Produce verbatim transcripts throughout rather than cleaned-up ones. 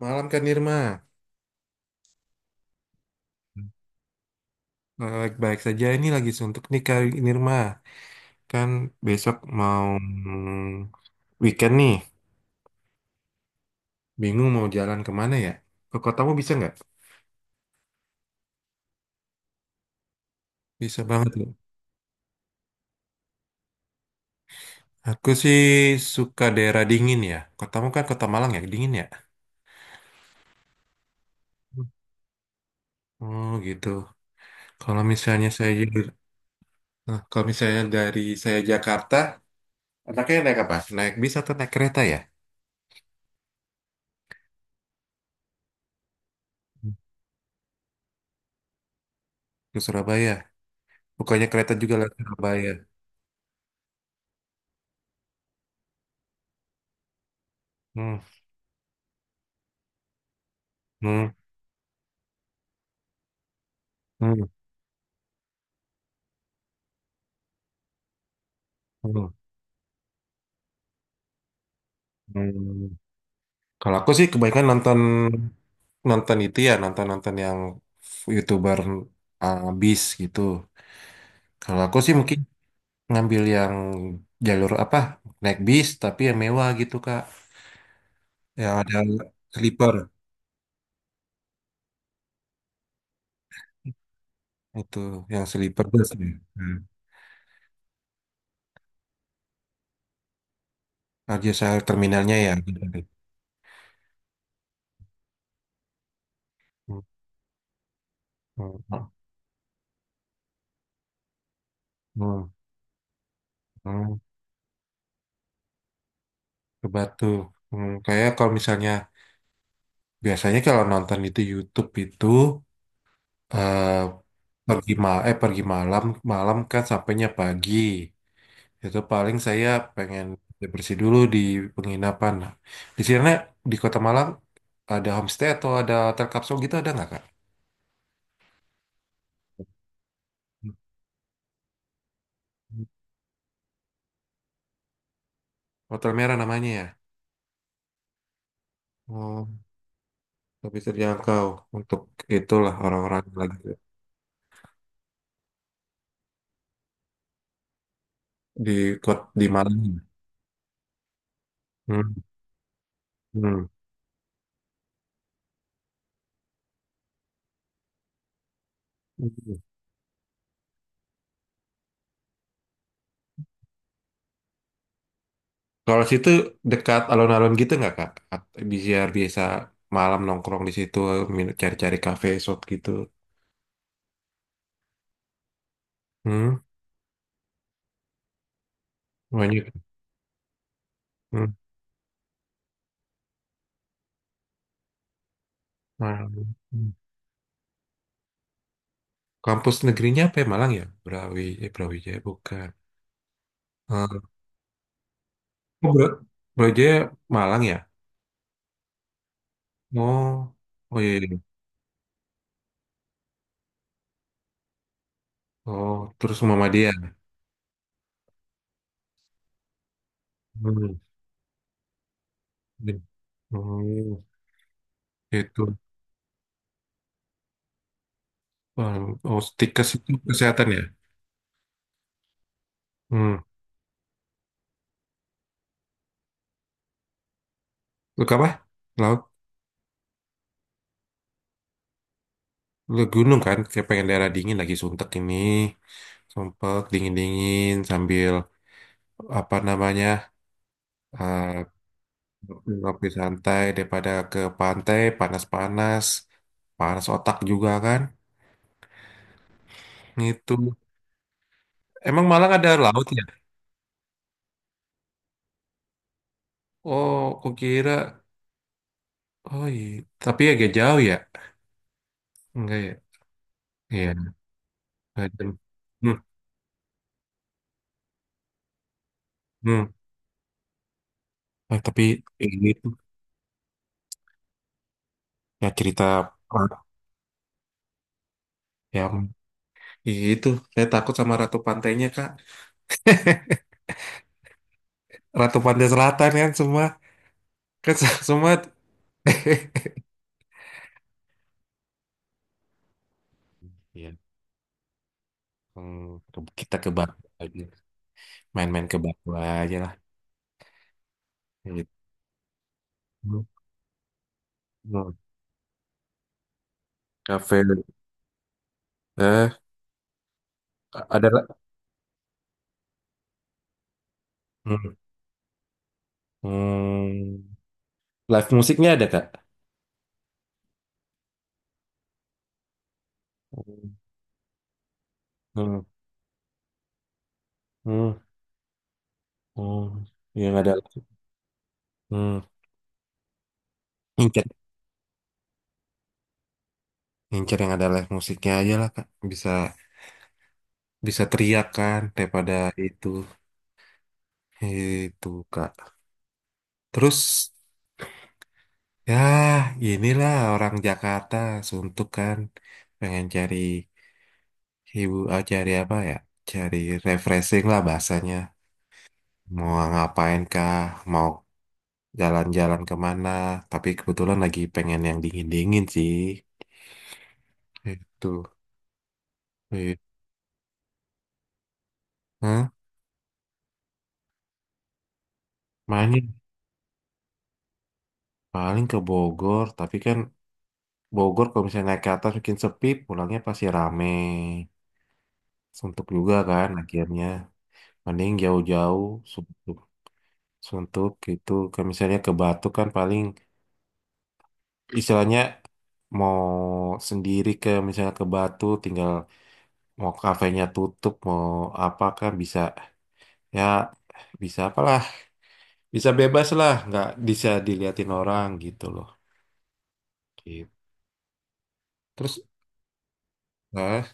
Malam Kak Nirma. Eh, baik-baik saja, ini lagi suntuk nih Kak Nirma. Kan besok mau mm, weekend nih, bingung mau jalan kemana ya? Ke kotamu bisa nggak? Bisa banget loh. Aku sih suka daerah dingin ya. Kotamu kan kota Malang ya, dingin ya? Oh gitu. Kalau misalnya saya, nah, kalau misalnya dari saya Jakarta, anaknya naik apa? Naik bis atau naik kereta ya? Ke Surabaya. Bukannya kereta juga lewat Surabaya. Hmm. Hmm. Hmm. Hmm. Hmm. Kalau aku sih kebanyakan nonton, nonton itu ya nonton-nonton yang YouTuber uh, bis gitu. Kalau aku sih mungkin ngambil yang jalur apa, naik bis tapi yang mewah gitu Kak. Yang ada sleeper, itu yang sleeper bus ya. Hmm. Aja saya terminalnya ya, gitu. Hmm. Hmm. Hmm. Hmm. Ke Batu. Hmm. Kayak kalau misalnya biasanya kalau nonton itu YouTube itu, eh pergi ma eh, pergi malam, malam kan sampainya pagi, itu paling saya pengen bersih dulu di penginapan. Nah, di sini di Kota Malang ada homestay atau ada hotel kapsul gitu, ada nggak Kak? Hmm. Hotel merah namanya ya. Oh, lebih terjangkau untuk itulah, orang-orang yang lagi di kot di Malang. Hmm. Hmm. Kalau situ dekat alun-alun gitu nggak Kak? At- Biar biasa malam nongkrong di situ, min- cari-cari kafe, shop gitu. Hmm, banyak. Hmm, Malang. Hmm. Kampus negerinya apa ya? Malang ya? Brawi, eh Brawijaya bukan. Eh, oh, Bra Brawijaya Malang ya? Oh, oh iya, iya. Oh, terus Muhammadiyah. Hmm. Hmm, itu. Oh, oh, stikes itu kesehatan ya? Hmm. Lu apa? Laut? Ke gunung kan, saya pengen daerah dingin lagi suntek ini. Sumpek, dingin-dingin sambil apa namanya, eh, ngopi santai daripada ke pantai panas-panas, panas otak juga kan itu, emang Malang ada laut ya? Oh aku kira, oh iya, tapi agak jauh ya, enggak ya, iya, enggak jauh. Hmm. Hmm. Eh, tapi ini tuh, ya cerita, ya itu saya takut sama ratu pantainya kak Ratu Pantai Selatan kan semua kan se- semua. Iya. Hmm, ke- kita ke Bagua aja. Main-main ke Bagua aja lah. Gitu. Hmm. Cafe. Eh, ada lah. Hmm. Hmm. Live musiknya ada, Kak? Hmm. Hmm. Hmm. Yang ada. Hmm. Incer, incer yang ada live musiknya aja lah, Kak. Bisa, bisa teriak kan daripada itu. Itu, Kak. Terus, ya, inilah orang Jakarta suntuk kan. Pengen cari ibu, ah, cari apa ya? Cari refreshing lah bahasanya. Mau ngapain kah? Mau jalan-jalan kemana? Tapi kebetulan lagi pengen yang dingin-dingin sih. Itu. Iya. Hah? Main paling ke Bogor. Tapi kan Bogor kalau misalnya naik ke atas mungkin sepi, pulangnya pasti rame. Suntuk juga kan akhirnya. Mending jauh-jauh. Suntuk gitu ke misalnya ke Batu kan paling istilahnya mau sendiri ke misalnya ke Batu tinggal, mau kafenya tutup mau apa kan bisa, ya bisa apalah, bisa bebas lah nggak bisa diliatin orang gitu loh, gitu. Terus nah,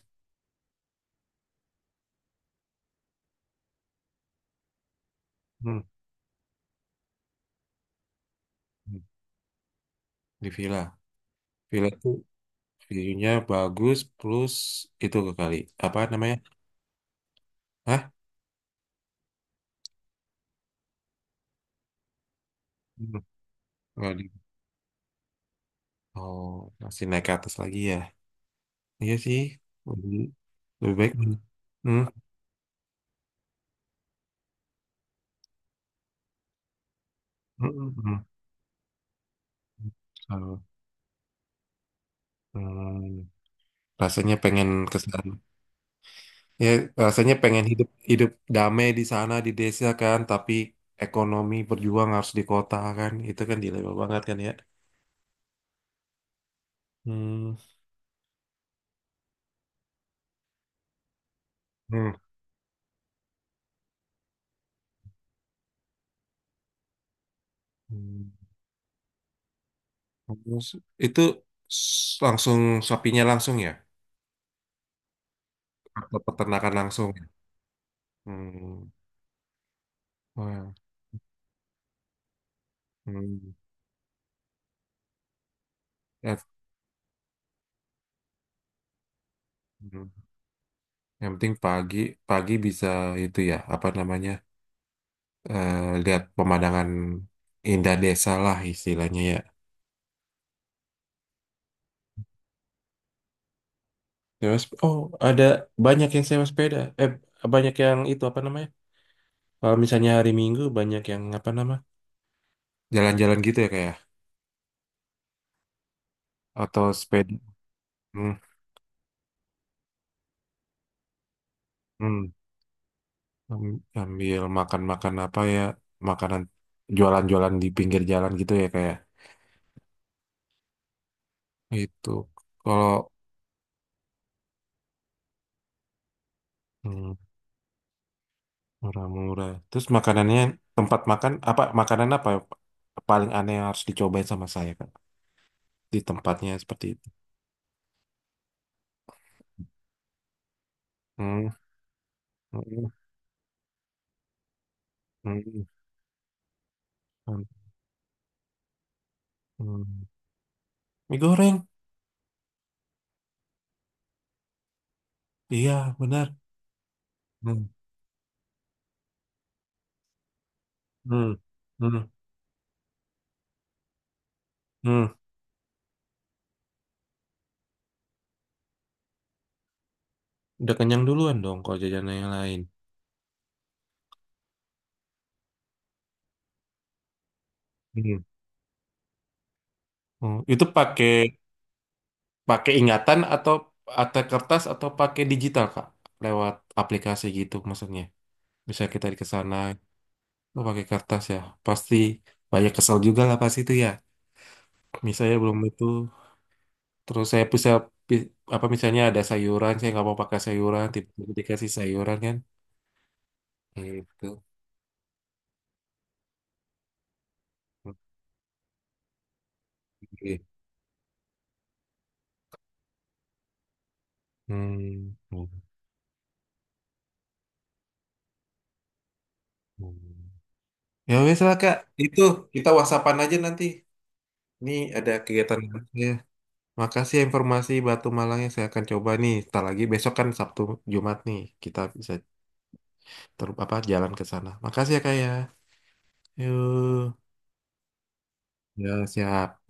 hmm, hmm, di villa, villa tuh view-nya bagus plus itu ke kali apa namanya. Hah? Hmm, nggak di-, oh, masih naik ke atas lagi ya. Iya sih, lebih, lebih baik. Hmm. Hmm. Mm-mm. So, hmm, rasanya pengen ke sana. Ya, rasanya pengen hidup hidup damai di sana di desa kan, tapi ekonomi berjuang harus di kota kan. Itu kan dilema banget kan ya. Hmm. Hmm. Hmm. Terus itu, s- langsung sapinya langsung ya, atau peternakan langsung ya? Hmm. Wah. Hmm. Ya, hmm. Yang penting pagi, pagi bisa itu ya, apa namanya? eh, lihat pemandangan indah desa lah istilahnya ya. Sewa sep- oh, ada banyak yang sewa sepeda. Eh, banyak yang itu apa namanya? Kalau misalnya hari Minggu banyak yang apa nama? Jalan-jalan gitu ya kayak, atau sepeda. Hmm, hmm. Am- Ambil makan-makan apa ya? Makanan jualan-jualan di pinggir jalan gitu ya kayak. Itu kalau hmm, murah-murah. Terus makanannya, tempat makan apa, makanan apa paling aneh yang harus dicobain sama saya Kak, di tempatnya seperti itu. Hmm, hmm, hmm, hmm, hmm. Mie goreng, iya benar. Hmm, hmm, hmm, hmm. Udah kenyang duluan dong kalau jajanan yang lain. Hmm. Hmm. Itu pakai, pakai ingatan atau atau kertas atau pakai digital Kak? Lewat aplikasi gitu maksudnya. Bisa kita di kesana, oh, pakai kertas ya. Pasti banyak kesel juga lah pasti itu ya. Misalnya belum itu. Terus saya bisa pi- apa, misalnya ada sayuran, saya nggak mau pakai sayuran, tiba-tiba dikasih sayuran kan? Gitu. Oke. Hmm. Hmm. Ya wes lah Kak, itu kita whatsappan aja nanti. Ini ada kegiatan ya. Makasih ya informasi Batu Malangnya, saya akan coba nih. Setelah lagi besok kan Sabtu, Jumat nih kita bisa ter apa jalan ke sana. Makasih ya Kak ya. Yuk. Ya siap.